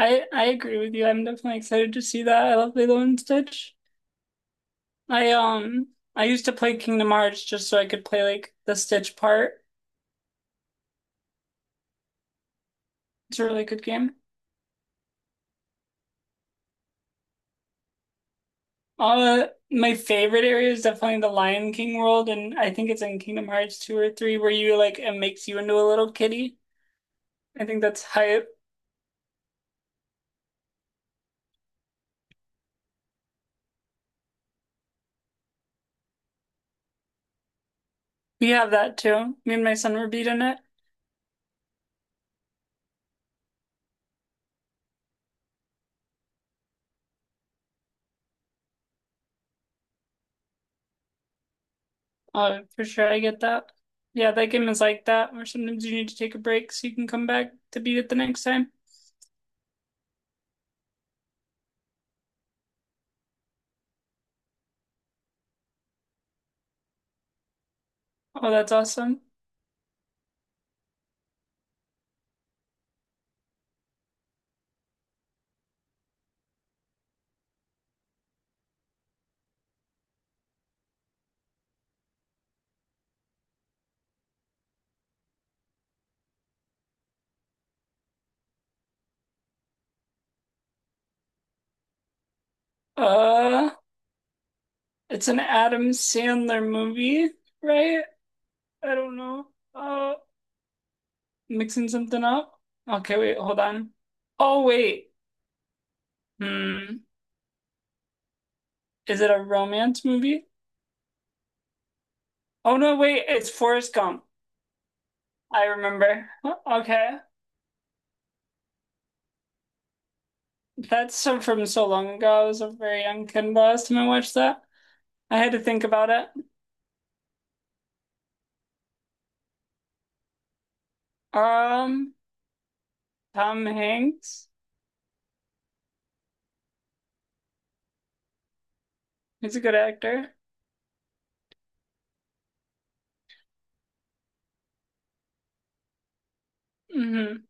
I agree with you. I'm definitely excited to see that. I love Lilo and Stitch. I um I used to play Kingdom Hearts just so I could play like the Stitch part. It's a really good game. My favorite area is definitely the Lion King world, and I think it's in Kingdom Hearts 2 or 3 where, you like, it makes you into a little kitty. I think that's hype. We have that too. Me and my son were beating it. For sure, I get that. Yeah, that game is like that where sometimes you need to take a break so you can come back to beat it the next time. Oh, that's awesome. Uh, it's an Adam Sandler movie, right? I don't know. Uh, mixing something up. Okay, wait, hold on. Oh, wait. Hmm. Is it a romance movie? Oh, no, wait, it's Forrest Gump. I remember. Huh, okay. That's so from so long ago. I was a very young kid the last time I watched that. I had to think about it. Um, Tom Hanks. He's a good actor. Hmm.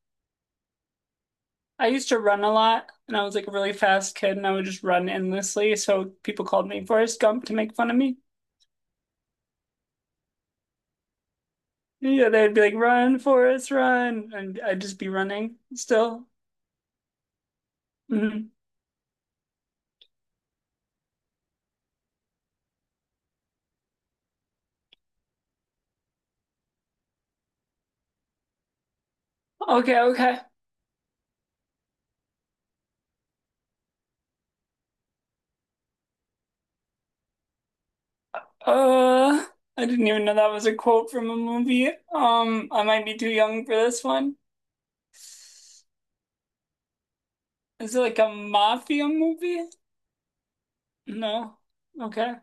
I used to run a lot and I was like a really fast kid and I would just run endlessly. So people called me Forrest Gump to make fun of me. Yeah, they'd be like, run, Forrest, run. And I'd just be running still. Mhm. Okay, okay. Uh, I didn't even know that was a quote from a movie. I might be too young for this one. Is it like a mafia movie? No. Okay.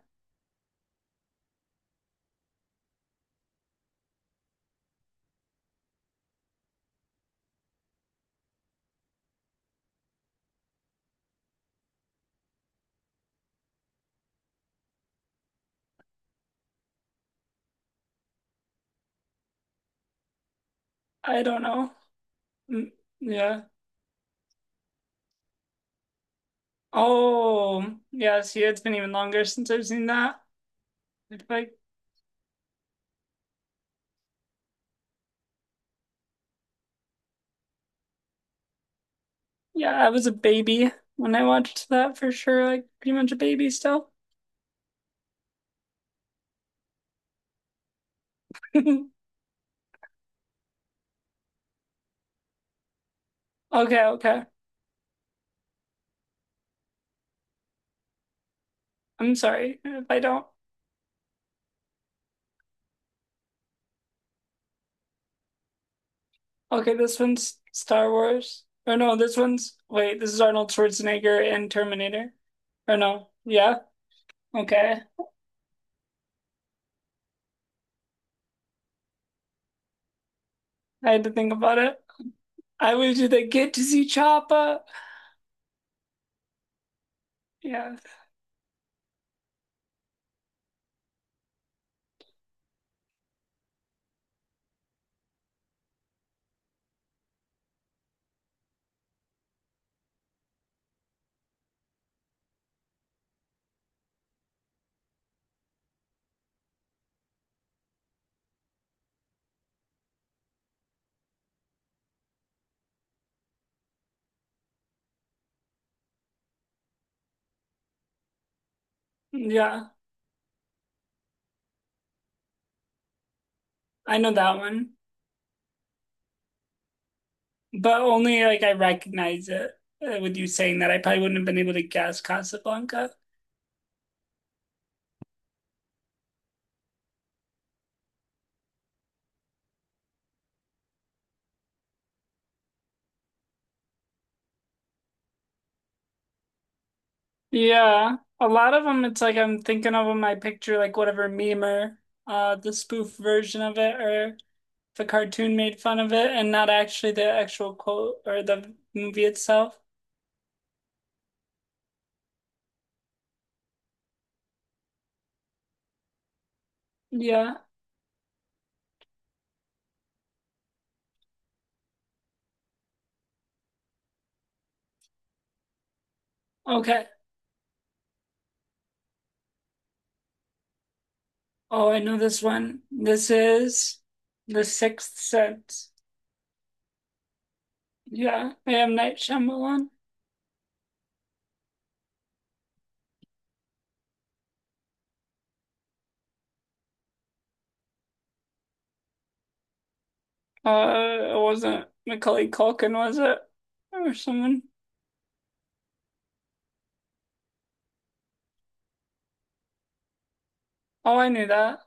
I don't know. Mm, yeah. Oh, yes, yeah. See, it's been even longer since I've seen that. If I. Yeah, I was a baby when I watched that for sure. Like pretty much a baby still. Okay, okay. I'm sorry if I don't. Okay, this one's Star Wars. Or no, this one's, wait, this is Arnold Schwarzenegger and Terminator. Or no. Yeah. Okay. I had to think about it. I wish just like, get to see Choppa. Yeah. Yeah. I know that one. But only like I recognize it with you saying that. I probably wouldn't have been able to guess Casablanca. Yeah, a lot of them, it's like I'm thinking of them. I picture like whatever meme or the spoof version of it, or the cartoon made fun of it, and not actually the actual quote or the movie itself. Yeah. Okay. Oh, I know this one. This is The Sixth Sense. Yeah, I am Night Shyamalan. It wasn't Macaulay Culkin, was it? Or someone? Oh, I knew that.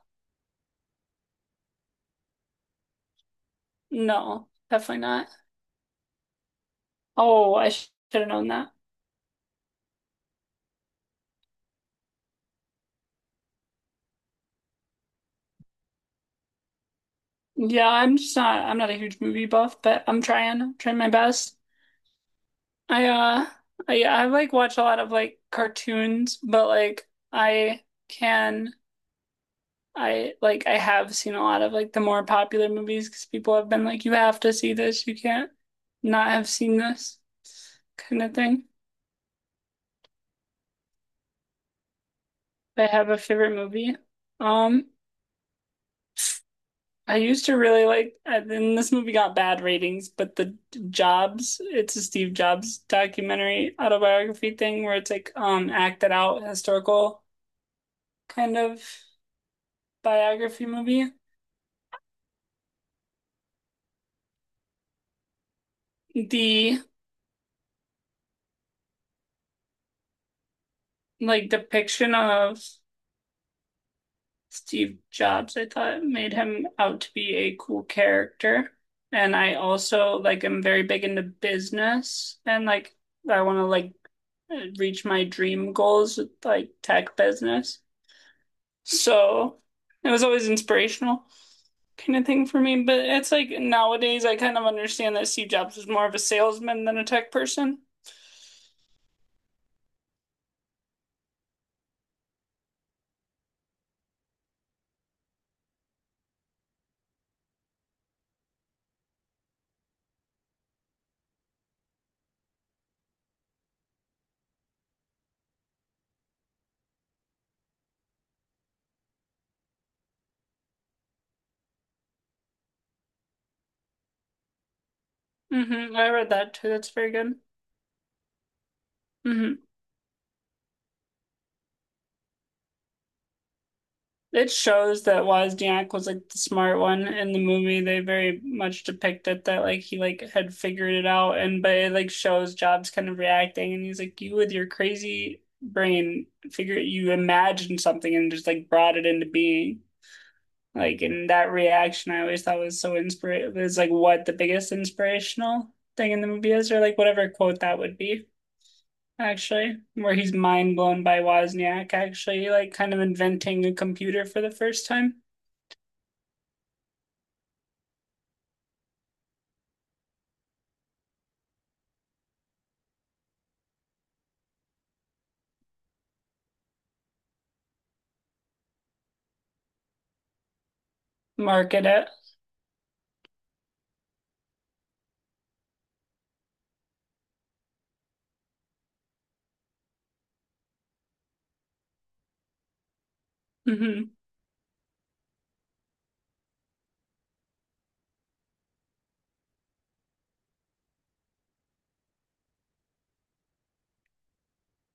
No, definitely not. Oh, I should have known that. Yeah, I'm just not a huge movie buff, but I'm trying my best. I uh I like watch a lot of like cartoons, but like I like I have seen a lot of like the more popular movies because people have been like, you have to see this, you can't not have seen this, kind of thing. I have a favorite movie. Um I used to really like, and then this movie got bad ratings, but the Jobs, it's a Steve Jobs documentary autobiography thing where it's like acted out historical kind of biography movie. The like depiction of Steve Jobs, I thought made him out to be a cool character. And I also like am very big into business, and like I want to like reach my dream goals with like tech business. So it was always inspirational kind of thing for me. But it's like nowadays I kind of understand that Steve Jobs was more of a salesman than a tech person. Hmm. I read that too. That's very good. Hmm. It shows that Wozniak was like the smart one in the movie. They very much depict it that like he like had figured it out, and but it like shows Jobs kind of reacting and he's like, you with your crazy brain figure, you imagined something and just like brought it into being. Like in that reaction, I always thought was so inspirational. It's like what the biggest inspirational thing in the movie is, or like whatever quote that would be, actually, where he's mind blown by Wozniak actually, like kind of inventing a computer for the first time. Market it. Mm-hmm.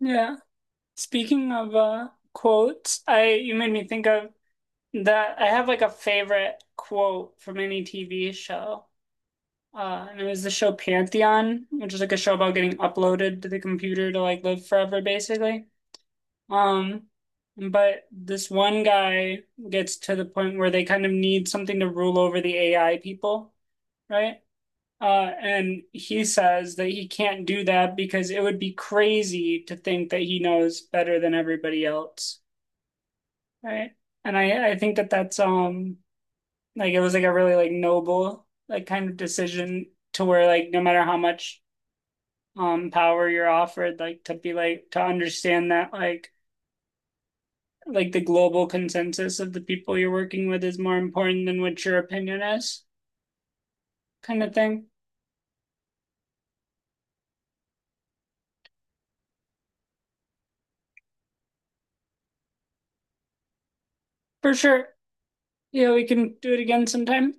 Yeah. Speaking of quotes, I you made me think of that I have like a favorite quote from any TV show. And it was the show Pantheon, which is like a show about getting uploaded to the computer to like live forever, basically. Um, but this one guy gets to the point where they kind of need something to rule over the AI people, right? And he says that he can't do that because it would be crazy to think that he knows better than everybody else, right? And I think that that's like it was like a really like noble like kind of decision to where like no matter how much power you're offered, like to be like to understand that like the global consensus of the people you're working with is more important than what your opinion is, kind of thing. For sure. Yeah, we can do it again sometime.